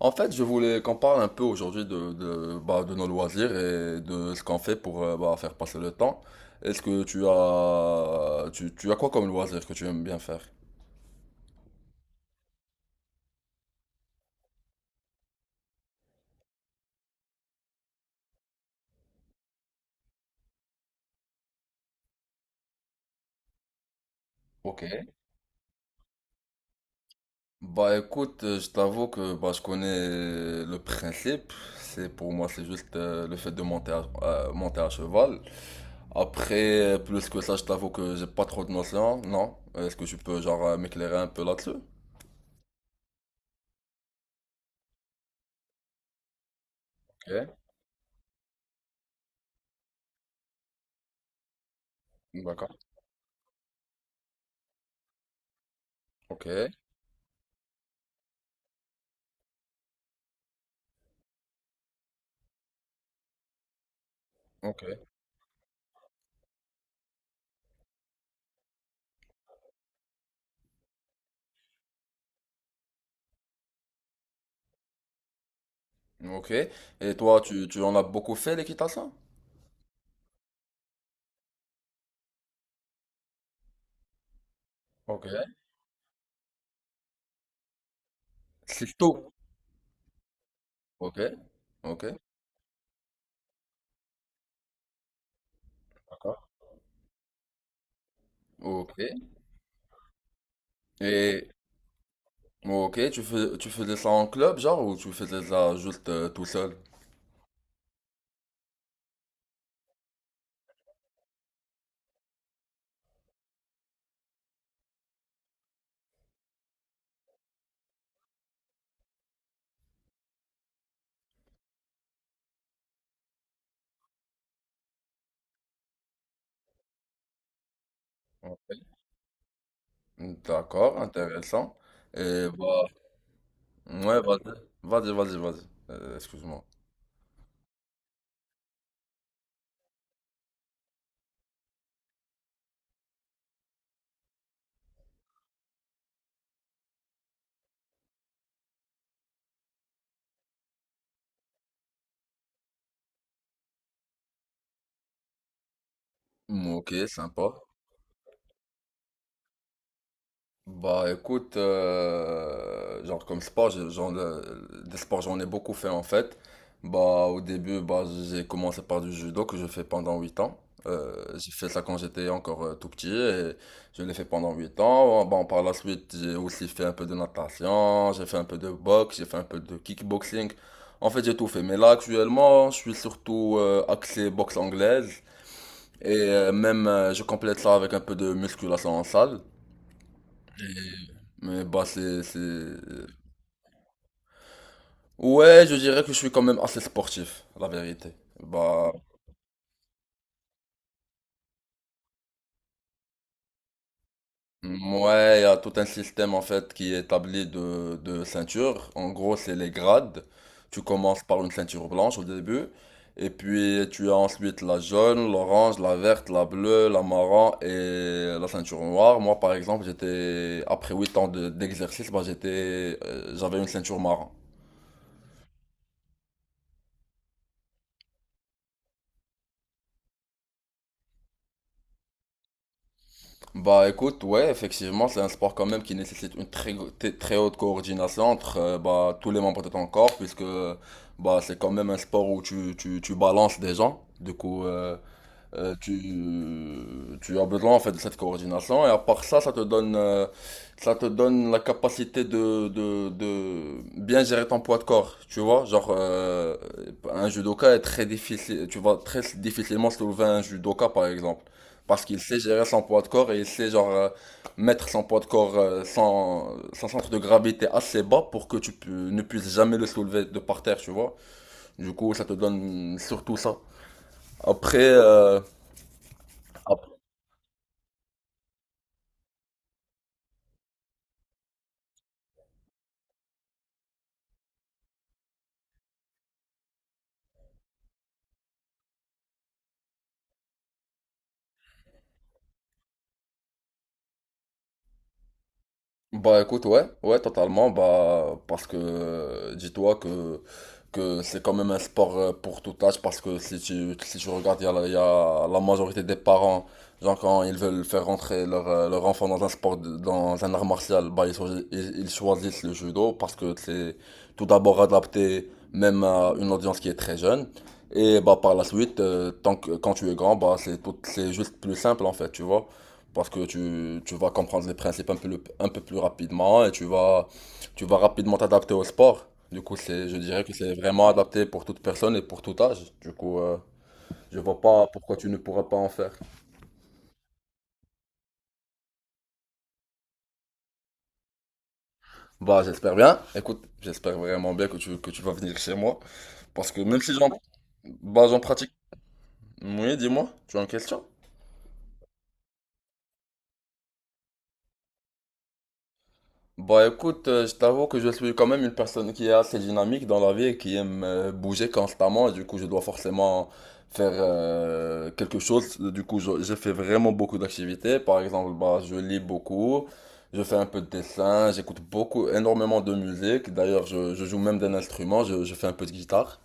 En fait, je voulais qu'on parle un peu aujourd'hui de nos loisirs et de ce qu'on fait pour faire passer le temps. Est-ce que tu as quoi comme loisir que tu aimes bien faire? Ok. Bah écoute, je t'avoue que je connais le principe. C'est pour moi, c'est juste le fait de monter à cheval. Après, plus que ça, je t'avoue que j'ai pas trop de notions. Non. Est-ce que tu peux m'éclairer un peu là-dessus? Ok. D'accord. Ok, ok. Ok. Et toi, tu en as beaucoup fait l'équitation? Ok. C'est tout. Ok. Ok. D'accord. Ok. Et ok, tu faisais ça en club, genre, ou tu faisais ça juste tout seul? Ok. D'accord, intéressant. Et bah, ouais, vas-y. Excuse-moi. Mm, ok, sympa. Bah écoute, genre comme sport, j'ai- genre le- des sports j'en ai beaucoup fait en fait. Bah au début, bah j'ai commencé par du judo que je fais pendant 8 ans. J'ai fait ça quand j'étais encore tout petit et je l'ai fait pendant 8 ans. Bon, par la suite, j'ai aussi fait un peu de natation, j'ai fait un peu de boxe, j'ai fait un peu de kickboxing. En fait, j'ai tout fait. Mais là actuellement, je suis surtout axé boxe anglaise et même je complète ça avec un peu de musculation en salle. Mais bah c'est... Ouais, je dirais que je suis quand même assez sportif, la vérité. Bah, mm, ouais, il y a tout un système en fait qui est établi de ceintures. En gros, c'est les grades. Tu commences par une ceinture blanche au début, et puis tu as ensuite la jaune, l'orange, la verte, la bleue, la marron et la ceinture noire. Moi, par exemple, après 8 ans d'exercice, bah, j'avais une ceinture marron. Bah écoute, ouais, effectivement, c'est un sport quand même qui nécessite une très haute coordination entre tous les membres de ton corps, puisque bah, c'est quand même un sport où tu balances des gens. Euh, tu, tu as besoin en fait de cette coordination et à part ça, ça te donne la capacité de, de bien gérer ton poids de corps. Tu vois, un judoka est très difficile, tu vas très difficilement soulever un judoka par exemple, parce qu'il sait gérer son poids de corps et il sait mettre son poids de corps, son centre de gravité assez bas pour que ne puisses jamais le soulever de par terre, tu vois. Du coup, ça te donne surtout ça. Après, bah écoute, ouais, ouais, totalement, bah parce que dis-toi que c'est quand même un sport pour tout âge, parce que si tu, si tu regardes, il y a la majorité des parents, genre quand ils veulent faire rentrer leur enfant dans un sport, dans un art martial, bah ils choisissent le judo, parce que c'est tout d'abord adapté même à une audience qui est très jeune, et bah par la suite, quand tu es grand, c'est juste plus simple en fait, tu vois. Parce que tu vas comprendre les principes un peu, un peu plus rapidement et tu vas rapidement t'adapter au sport. Du coup, je dirais que c'est vraiment adapté pour toute personne et pour tout âge. Du coup, je vois pas pourquoi tu ne pourrais pas en faire. Bah, j'espère bien. Écoute, j'espère vraiment bien que que tu vas venir chez moi. Parce que même si j'en, bah, j'en pratique. Oui, dis-moi, tu as une question? Bah écoute, je t'avoue que je suis quand même une personne qui est assez dynamique dans la vie et qui aime bouger constamment. Et du coup, je dois forcément faire quelque chose. Du coup, je fais vraiment beaucoup d'activités. Par exemple, bah, je lis beaucoup, je fais un peu de dessin, j'écoute beaucoup, énormément de musique. D'ailleurs, je joue même d'un instrument, je fais un peu de guitare.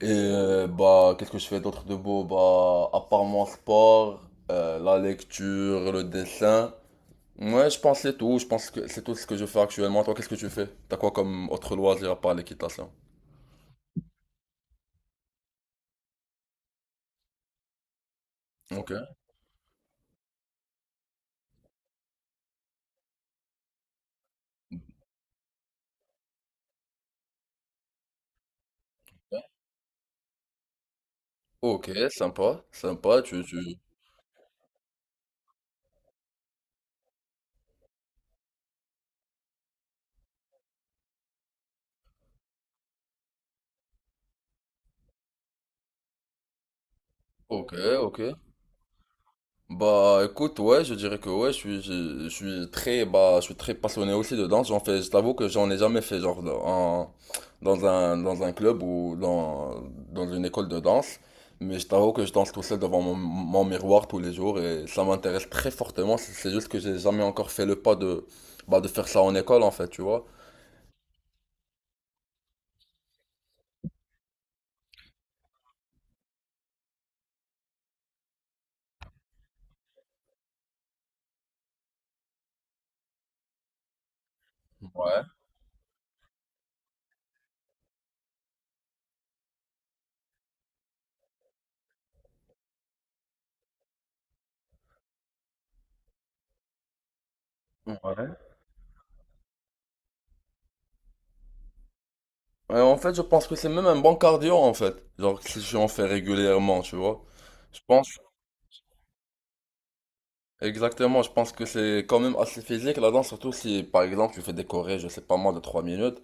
Et bah, qu'est-ce que je fais d'autre de beau? Bah, à part mon sport, la lecture, le dessin. Ouais, je pense c'est tout. Je pense que c'est tout ce que je fais actuellement. Toi, qu'est-ce que tu fais? T'as quoi comme autre loisir à part l'équitation? Ok. Ok, sympa, sympa. Tu... Ok, ok. Bah écoute ouais je dirais que ouais je suis très je suis très passionné aussi de danse j'en fais je t'avoue que j'en ai jamais fait dans un club ou dans dans une école de danse mais je t'avoue que je danse tout seul devant mon miroir tous les jours et ça m'intéresse très fortement c'est juste que j'ai jamais encore fait le pas de bah de faire ça en école en fait tu vois ouais ouais. Ouais, en fait je pense que c'est même un bon cardio en fait genre si j'en fais régulièrement tu vois je pense. Exactement, je pense que c'est quand même assez physique la danse, surtout si par exemple tu fais des chorés, je sais pas moi, de 3 minutes.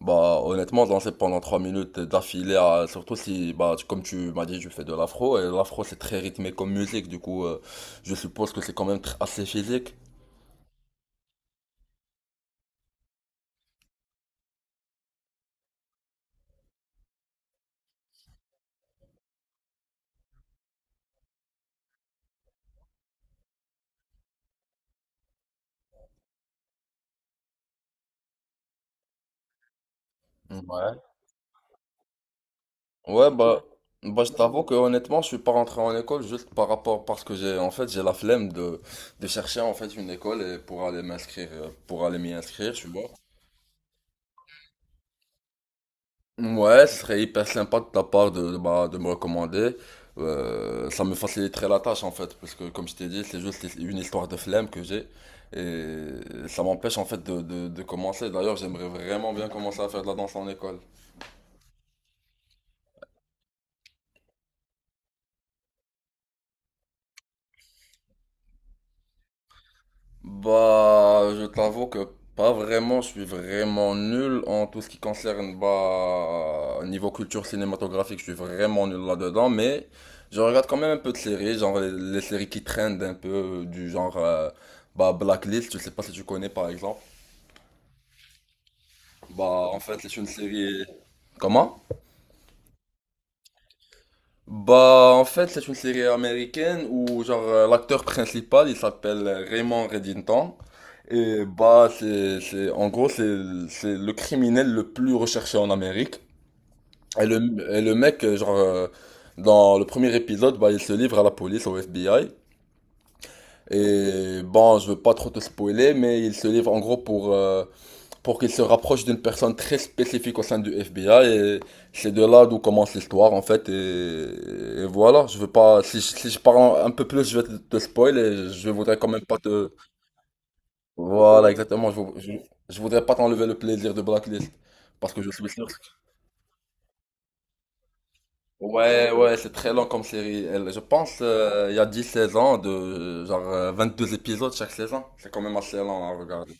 Bah honnêtement, danser pendant 3 minutes d'affilée, surtout si, comme tu m'as dit, je fais de l'afro, et l'afro c'est très rythmé comme musique, du coup je suppose que c'est quand même assez physique. Ouais. Ouais, bah je t'avoue que honnêtement, je suis pas rentré en école juste par rapport, parce que j'ai en fait j'ai la flemme de chercher en fait une école et pour aller m'y inscrire, tu vois. Ouais, ce serait hyper sympa de ta part de me recommander. Ça me faciliterait la tâche en fait, parce que comme je t'ai dit, c'est juste une histoire de flemme que j'ai. Et ça m'empêche en fait de commencer. D'ailleurs, j'aimerais vraiment bien commencer à faire de la danse en école. Bah, je t'avoue que pas vraiment, je suis vraiment nul en tout ce qui concerne, bah, niveau culture cinématographique, je suis vraiment nul là-dedans, mais je regarde quand même un peu de séries, genre les séries qui traînent un peu, euh, du genre, euh, bah, Blacklist, je sais pas si tu connais par exemple. Bah, en fait, c'est une série. Comment? Bah, en fait, c'est une série américaine où, l'acteur principal, il s'appelle Raymond Reddington. Et bah, en gros, c'est le criminel le plus recherché en Amérique. Et le, et le mec, dans le premier épisode, bah, il se livre à la police, au FBI. Et bon, je veux pas trop te spoiler, mais il se livre en gros pour qu'il se rapproche d'une personne très spécifique au sein du FBI et c'est de là d'où commence l'histoire en fait et voilà je veux pas si je parle un peu plus je vais te spoil et je voudrais quand même pas te voilà exactement je voudrais pas t'enlever le plaisir de Blacklist parce que je suis sûr ouais c'est très long comme série je pense il y a dix 16 ans de deux épisodes chaque saison c'est quand même assez long à regarder.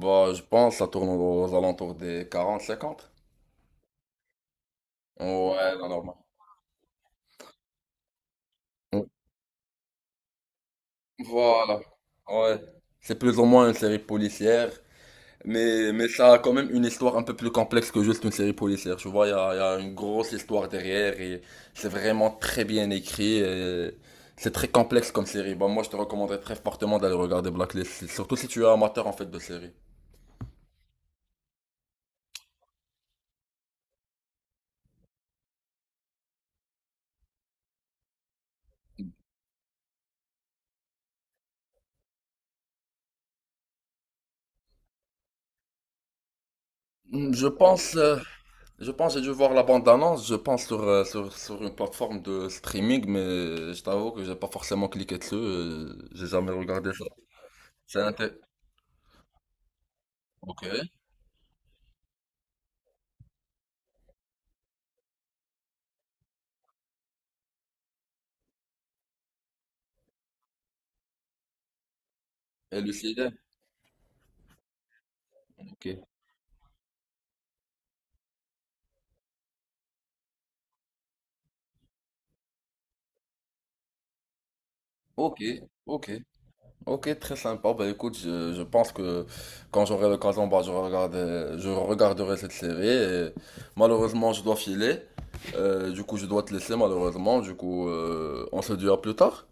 Bah je pense que ça tourne aux alentours des 40 50. Ouais non, normal. Voilà. Ouais. C'est plus ou moins une série policière, mais ça a quand même une histoire un peu plus complexe que juste une série policière. Tu vois, il y a une grosse histoire derrière et c'est vraiment très bien écrit. Et c'est très complexe comme série. Bah, moi, je te recommanderais très fortement d'aller regarder Blacklist, surtout si tu es amateur en fait de série. Hmm, Je pense, euh, je pense, j'ai dû voir la bande-annonce, je pense sur une plateforme de streaming, mais je t'avoue que j'ai pas forcément cliqué dessus, j'ai jamais regardé ça. C'est inté- Ok. Et le célèbre, ok. Ok, ok, ok, très sympa. Bah écoute, je pense que quand j'aurai l'occasion, bah, je regarderai cette série. Et malheureusement, je dois filer. Du coup, je dois te laisser, malheureusement. Du coup, on se dit à plus tard.